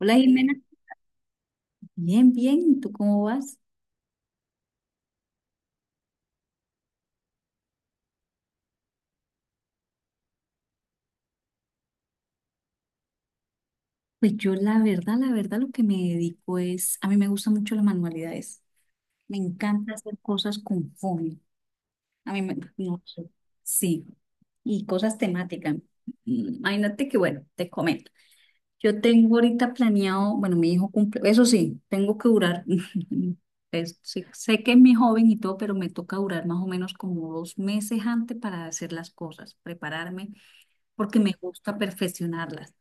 Hola Jimena, bien, bien, ¿y tú cómo vas? Pues yo la verdad lo que me dedico es, a mí me gustan mucho las manualidades, me encanta hacer cosas con foamy, a mí me, no sé, sí, y cosas temáticas. Imagínate que, bueno, te comento, yo tengo ahorita planeado, bueno, mi hijo cumple, eso sí, tengo que durar, sí, sé que es mi joven y todo, pero me toca durar más o menos como 2 meses antes para hacer las cosas, prepararme, porque me gusta perfeccionarlas.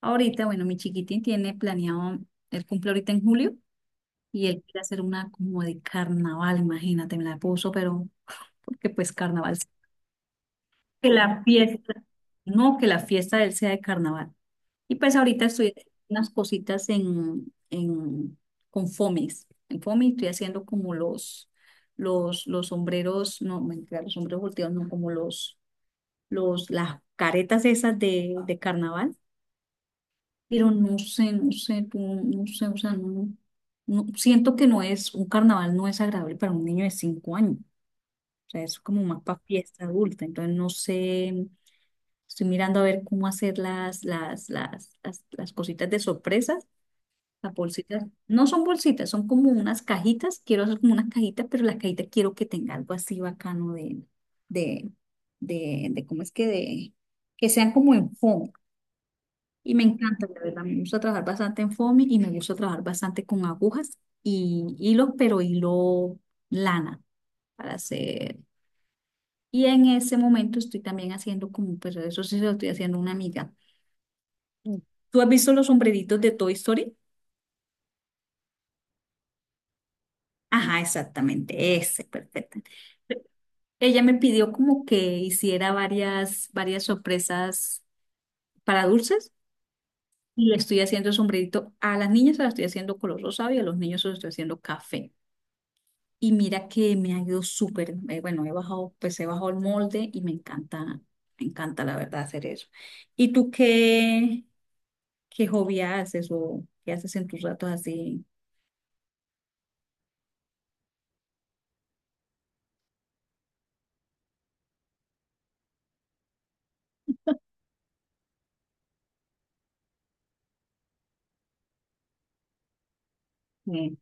Ahorita, bueno, mi chiquitín tiene planeado, él cumple ahorita en julio y él quiere hacer una como de carnaval, imagínate, me la puso, pero porque pues carnaval, que la fiesta, no, que la fiesta de él sea de carnaval. Y pues ahorita estoy haciendo unas cositas con Fomis. En Fomis estoy haciendo como los sombreros, no, mentira, los sombreros volteados, no, como las caretas esas de carnaval. Pero no sé, no sé, tú, no sé, o sea, no, siento que no es, un carnaval no es agradable para un niño de 5 años, o sea, es como más para fiesta adulta, entonces no sé, estoy mirando a ver cómo hacer las cositas de sorpresas, las bolsitas, no son bolsitas, son como unas cajitas, quiero hacer como unas cajitas, pero las cajitas quiero que tenga algo así bacano de, de, ¿cómo es que de, que sean como en fondo? Y me encanta, la verdad, me gusta trabajar bastante en foamy y me gusta trabajar bastante con agujas y hilos, pero hilo lana para hacer. Y en ese momento estoy también haciendo como, pues eso sí se lo estoy haciendo a una amiga. Mm. ¿Tú has visto los sombreritos de Toy Story? Ajá, exactamente, ese, perfecto. Ella me pidió como que hiciera varias, varias sorpresas para dulces y le estoy haciendo el sombrerito. A las niñas se las estoy haciendo color rosado y a los niños se los estoy haciendo café. Y mira que me ha ido súper, bueno, he bajado, pues he bajado el molde y me encanta la verdad hacer eso. ¿Y tú qué, qué hobby haces o qué haces en tus ratos así? Eh,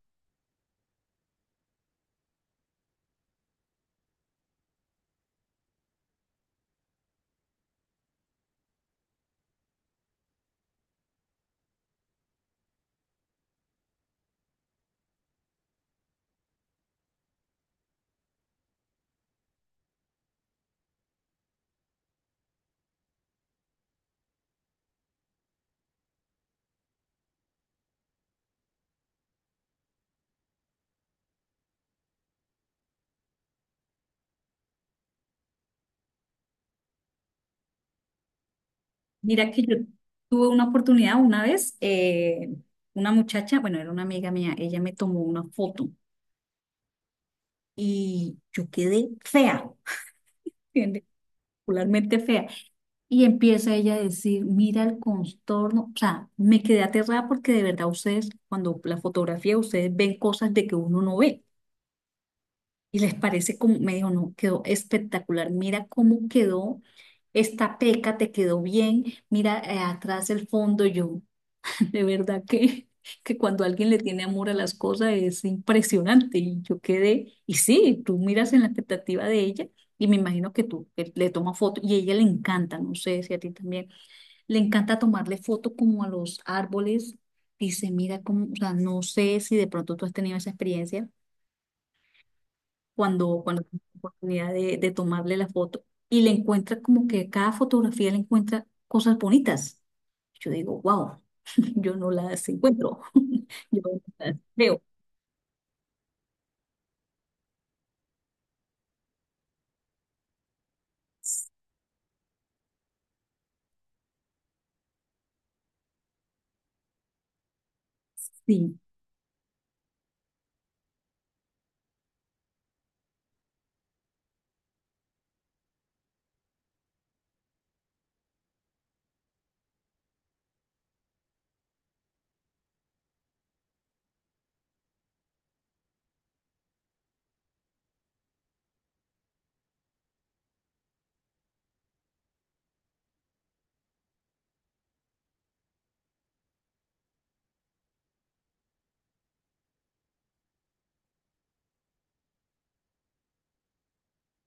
Mira que yo tuve una oportunidad una vez, una muchacha, bueno, era una amiga mía, ella me tomó una foto y yo quedé fea, bien particularmente fea. Y empieza ella a decir, mira el contorno, o sea, me quedé aterrada porque de verdad ustedes, cuando la fotografía, ustedes ven cosas de que uno no ve y les parece como, me dijo, no, quedó espectacular, mira cómo quedó esta peca, te quedó bien, mira atrás el fondo, yo, de verdad que cuando alguien le tiene amor a las cosas es impresionante y yo quedé, y sí, tú miras en la expectativa de ella y me imagino que tú le tomas foto y a ella le encanta, no sé si a ti también le encanta tomarle foto como a los árboles. Dice, mira cómo, o sea, no sé si de pronto tú has tenido esa experiencia cuando, cuando tienes la oportunidad de tomarle la foto. Y le encuentra como que cada fotografía le encuentra cosas bonitas. Yo digo, wow, yo no las encuentro. Yo no las veo. Sí,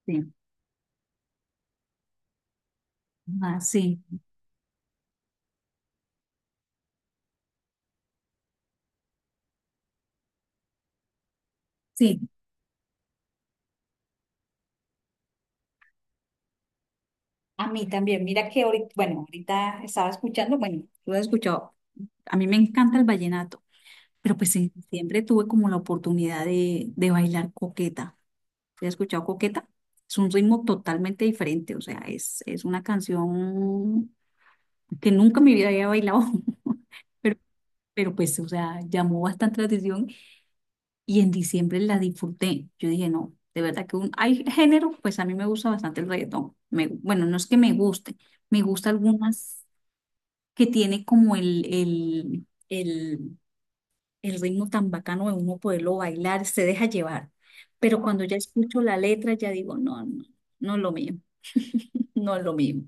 sí, ah, sí, sí. A mí también, mira que ahorita, bueno, ahorita estaba escuchando, bueno, tú lo has escuchado, a mí me encanta el vallenato. Pero pues en diciembre tuve como la oportunidad de bailar coqueta. ¿Sí? ¿Has escuchado coqueta? Es un ritmo totalmente diferente, o sea, es una canción que nunca en mi vida había bailado, pero, pero pues, o sea, llamó bastante la atención y en diciembre la disfruté. Yo dije, no, de verdad que un, hay género, pues a mí me gusta bastante el reggaetón. Bueno, no es que me guste, me gusta algunas que tiene como el ritmo tan bacano de uno poderlo bailar, se deja llevar. Pero cuando ya escucho la letra, ya digo, no es lo mío, no es lo mío.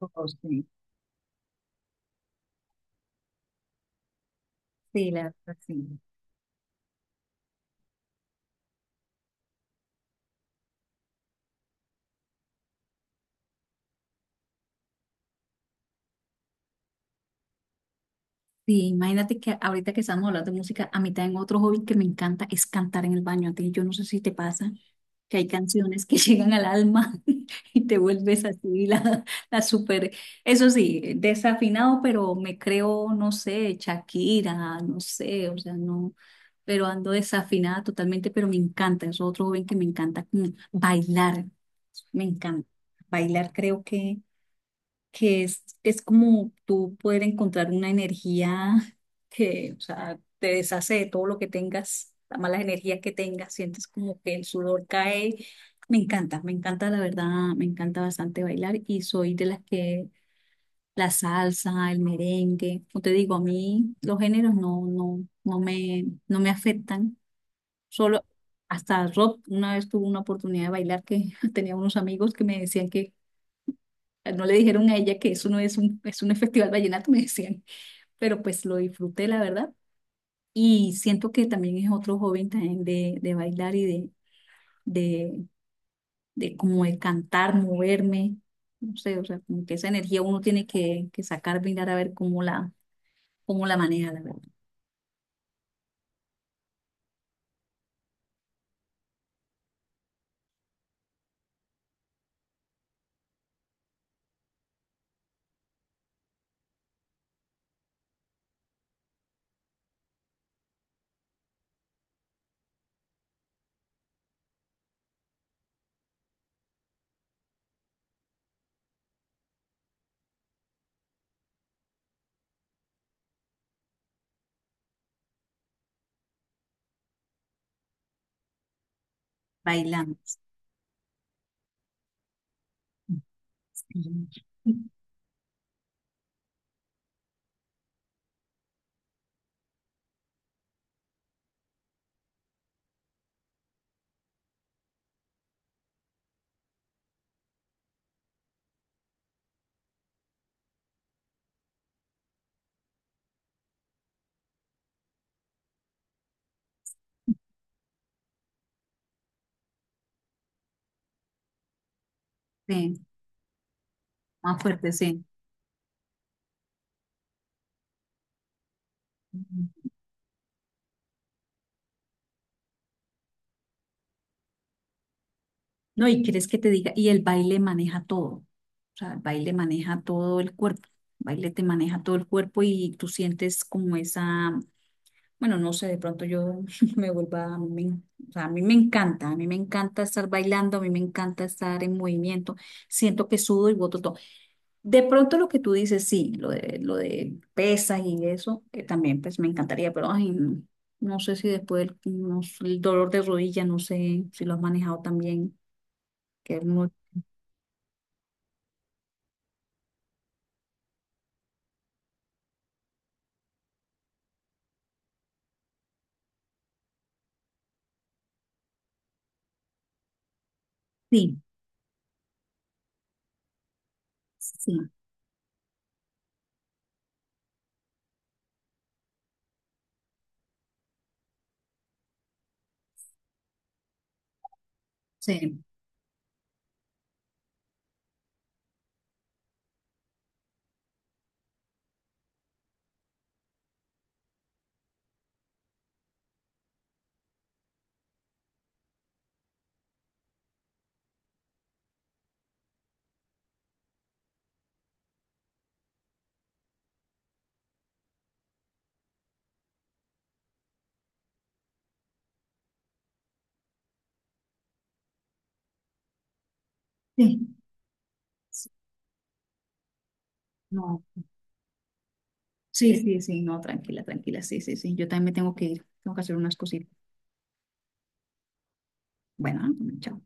Oh, sí. Sí, la verdad, sí. Sí, imagínate que ahorita que estamos hablando de música, a mí también otro hobby que me encanta es cantar en el baño. A ti, yo no sé si te pasa que hay canciones que llegan al alma y te vuelves así la super, eso sí, desafinado, pero me creo, no sé, Shakira, no sé, o sea, no. Pero ando desafinada totalmente, pero me encanta, es otro joven que me encanta como bailar, me encanta. Bailar creo que es como tú poder encontrar una energía que, o sea, te deshace de todo lo que tengas, las malas energías que tengas, sientes como que el sudor cae. Me encanta la verdad, me encanta bastante bailar y soy de las que la salsa, el merengue, como te digo, a mí los géneros no, no, no me afectan. Solo hasta Rob una vez tuvo una oportunidad de bailar que tenía unos amigos que me decían que no le dijeron a ella que eso no es un, es un festival vallenato, me decían, pero pues lo disfruté, la verdad. Y siento que también es otro joven también de bailar y de, de como de cantar, moverme, no sé, o sea, como que esa energía uno tiene que sacar, mirar a ver cómo la maneja, la verdad, bailando. Sí, sí, más fuerte, sí. No, y quieres que te diga, y el baile maneja todo. O sea, el baile maneja todo el cuerpo. El baile te maneja todo el cuerpo y tú sientes como esa, bueno, no sé, de pronto yo me vuelva, me- o sea, a mí me encanta, a mí me encanta estar bailando, a mí me encanta estar en movimiento. Siento que sudo y boto todo. De pronto lo que tú dices, sí, lo de pesas y eso, que también pues me encantaría, pero ay, no, no sé si después el, no sé, el dolor de rodilla, no sé si lo has manejado también, que es muy... Sí, sí, sí, sí. Sí, no, sí, sí, sí, no, tranquila, tranquila, sí, sí, sí. Yo también me tengo que ir, tengo que hacer unas cositas. Bueno, ah, chao.